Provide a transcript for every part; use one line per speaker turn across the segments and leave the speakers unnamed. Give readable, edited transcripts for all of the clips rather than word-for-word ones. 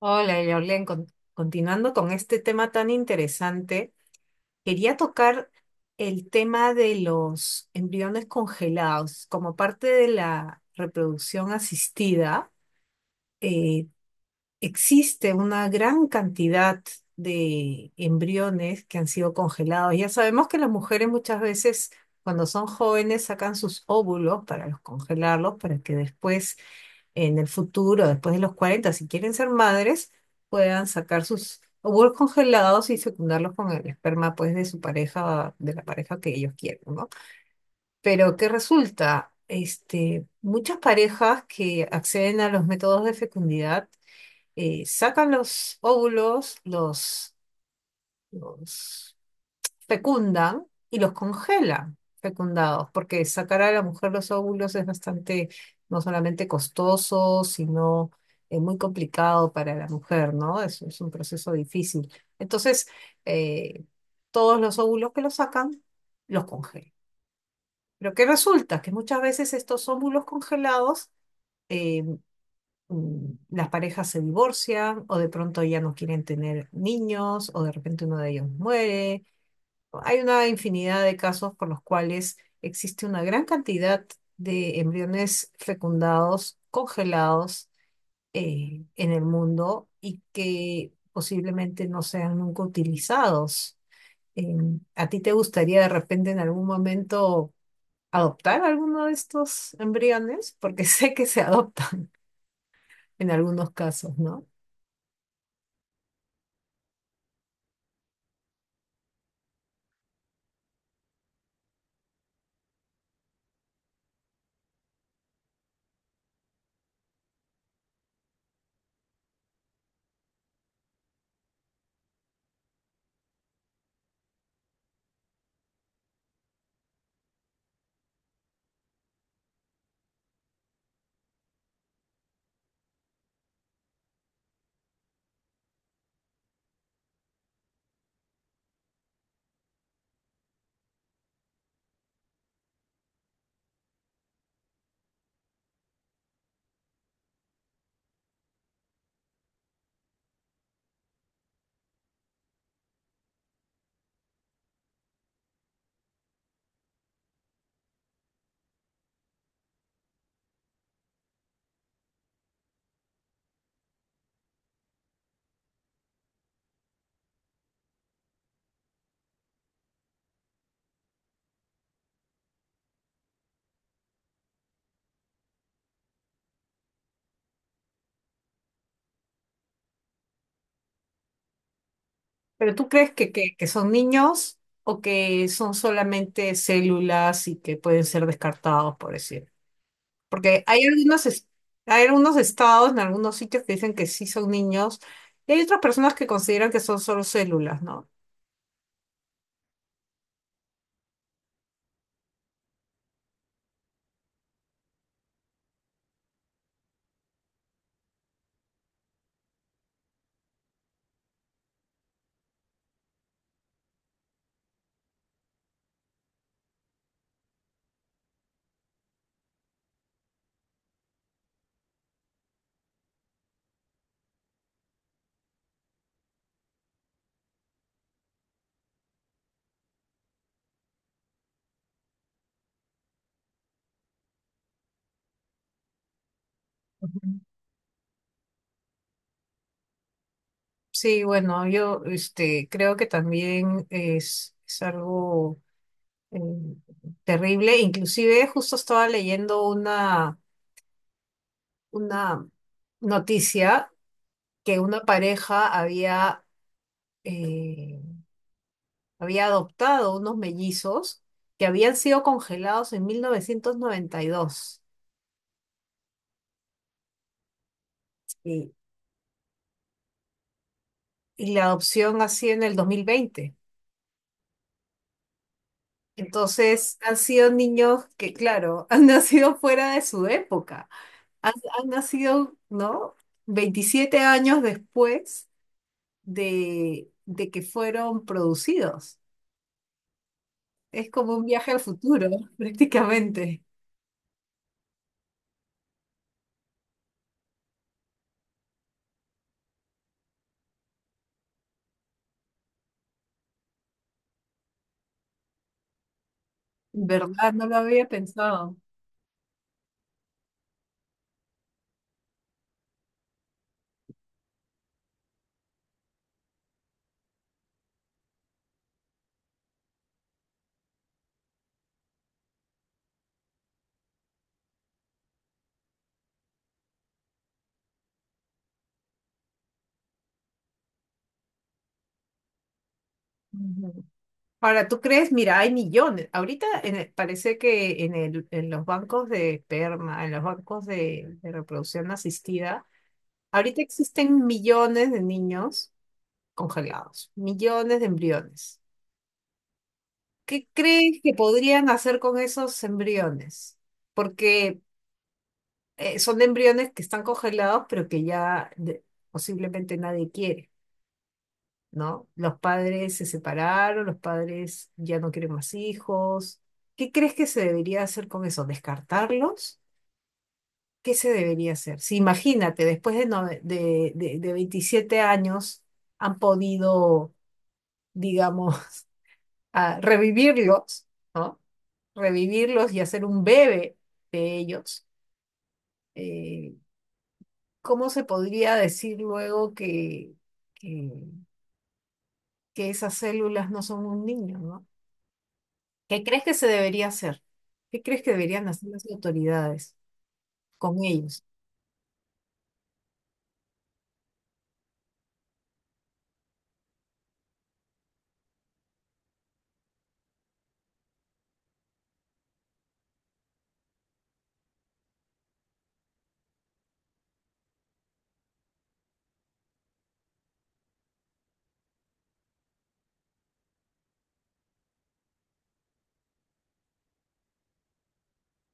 Hola, Jorlen, continuando con este tema tan interesante, quería tocar el tema de los embriones congelados. Como parte de la reproducción asistida, eh, existe una gran cantidad de embriones que han sido congelados. Ya sabemos que las mujeres muchas veces, cuando son jóvenes, sacan sus óvulos para los congelarlos, para que después en el futuro, después de los 40 si quieren ser madres, puedan sacar sus óvulos congelados y fecundarlos con el esperma, pues, de su pareja, de la pareja que ellos quieren, ¿no? Pero ¿qué resulta? Este, muchas parejas que acceden a los métodos de fecundidad sacan los óvulos, los fecundan y los congela fecundados, porque sacar a la mujer los óvulos es bastante, no solamente costoso, sino muy complicado para la mujer, ¿no? Es un proceso difícil. Entonces, eh, todos los óvulos que los sacan, los congelan. Pero ¿qué resulta? Que muchas veces estos óvulos congelados, eh, las parejas se divorcian o de pronto ya no quieren tener niños o de repente uno de ellos muere. Hay una infinidad de casos por los cuales existe una gran cantidad de embriones fecundados, congelados en el mundo y que posiblemente no sean nunca utilizados. ¿A ti te gustaría de repente en algún momento adoptar alguno de estos embriones? Porque sé que se adoptan en algunos casos, ¿no? Pero ¿tú crees que, que son niños o que son solamente células y que pueden ser descartados, por decir? Porque hay algunos, hay algunos estados en algunos sitios que dicen que sí son niños y hay otras personas que consideran que son solo células, ¿no? Ujú. Sí, bueno, yo este, creo que también es algo eh, terrible. Inclusive justo estaba leyendo una noticia que una pareja eh, había adoptado unos mellizos que habían sido congelados en 1992 y la adopción así en el 2020. Entonces, han sido niños que, claro, han nacido fuera de su época. Han, han nacido, ¿no? 27 años después de que fueron producidos. Es como un viaje al futuro, prácticamente. ¿Verdad? No lo había pensado. Ujú. Ahora, ¿tú crees? Mira, hay millones. Ahorita parece que en, en los bancos de esperma, en los bancos de reproducción asistida, ahorita existen millones de niños congelados, millones de embriones. ¿Qué crees que podrían hacer con esos embriones? Porque son embriones que están congelados, pero que posiblemente nadie quiere, ¿no? Los padres se separaron, los padres ya no quieren más hijos. ¿Qué crees que se debería hacer con eso? ¿Descartarlos? ¿Qué se debería hacer? Si imagínate, después de, de 27 años han podido, digamos, a revivirlos, ¿no? Revivirlos y hacer un bebé de ellos. eh, ¿Cómo se podría decir luego que, que, que esas células no son un niño, ¿no? ¿Qué crees que se debería hacer? ¿Qué crees que deberían hacer las autoridades con ellos?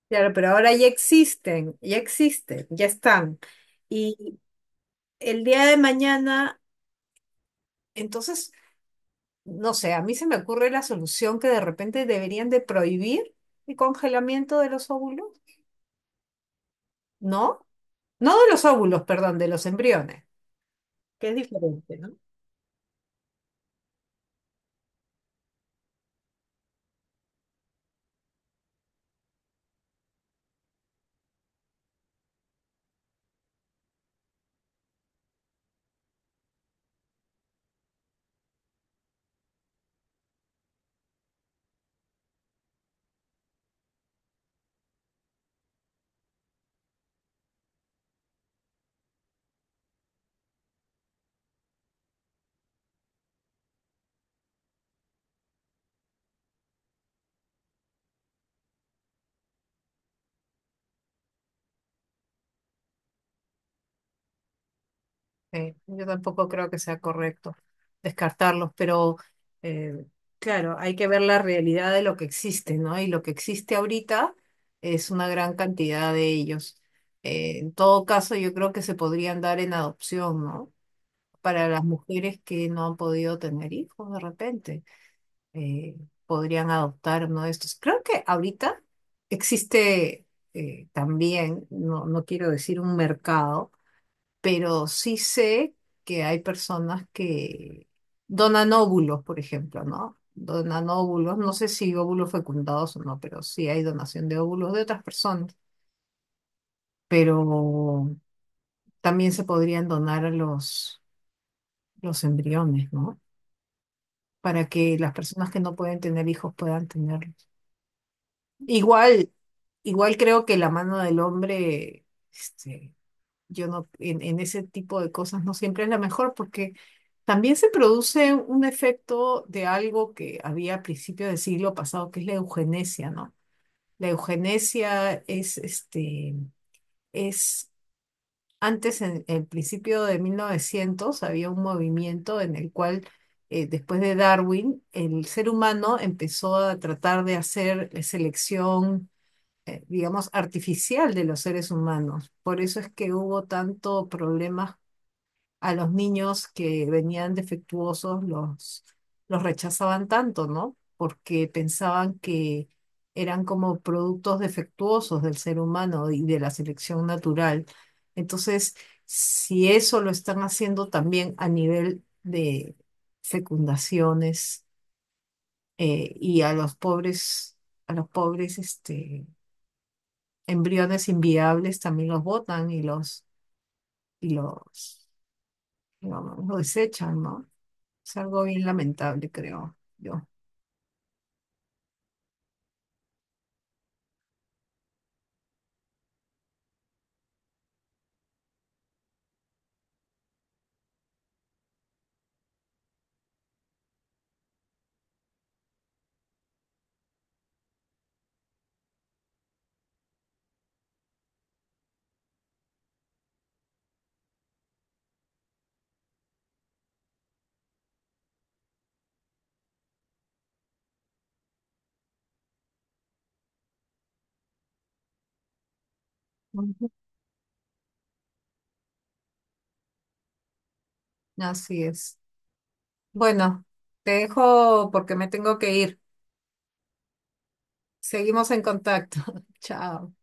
Claro, pero ahora ya existen, ya existen, ya están. Y el día de mañana, entonces no sé, a mí se me ocurre la solución que de repente deberían de prohibir el congelamiento de los óvulos, ¿no? No de los óvulos, perdón, de los embriones, que es diferente, ¿no? Sí, yo tampoco creo que sea correcto descartarlos, pero eh, claro, hay que ver la realidad de lo que existe, ¿no? Y lo que existe ahorita es una gran cantidad de ellos. En todo caso, yo creo que se podrían dar en adopción, ¿no? Para las mujeres que no han podido tener hijos de repente. eh, Podrían adoptar uno de estos. Creo que ahorita existe también, no, no quiero decir un mercado, pero sí sé que hay personas que donan óvulos, por ejemplo, ¿no? Donan óvulos, no sé si óvulos fecundados o no, pero sí hay donación de óvulos de otras personas, pero también se podrían donar a los embriones, ¿no? Para que las personas que no pueden tener hijos puedan tenerlos. Igual, igual creo que la mano del hombre, este, yo no, en ese tipo de cosas no siempre es la mejor, porque también se produce un efecto de algo que había a principios del siglo pasado, que es la eugenesia, ¿no? La eugenesia es, este, es, antes en el principio de 1900 había un movimiento en el cual, después de Darwin, el ser humano empezó a tratar de hacer selección, digamos, artificial de los seres humanos. Por eso es que hubo tanto problemas a los niños que venían defectuosos, los rechazaban tanto, ¿no? Porque pensaban que eran como productos defectuosos del ser humano y de la selección natural. Entonces, si eso lo están haciendo también a nivel de fecundaciones y a los pobres, este, embriones inviables también los botan y los, digamos, lo desechan, ¿no? Es algo bien lamentable, creo yo. Ujú. Así es. Bueno, te dejo porque me tengo que ir. Seguimos en contacto. Chao.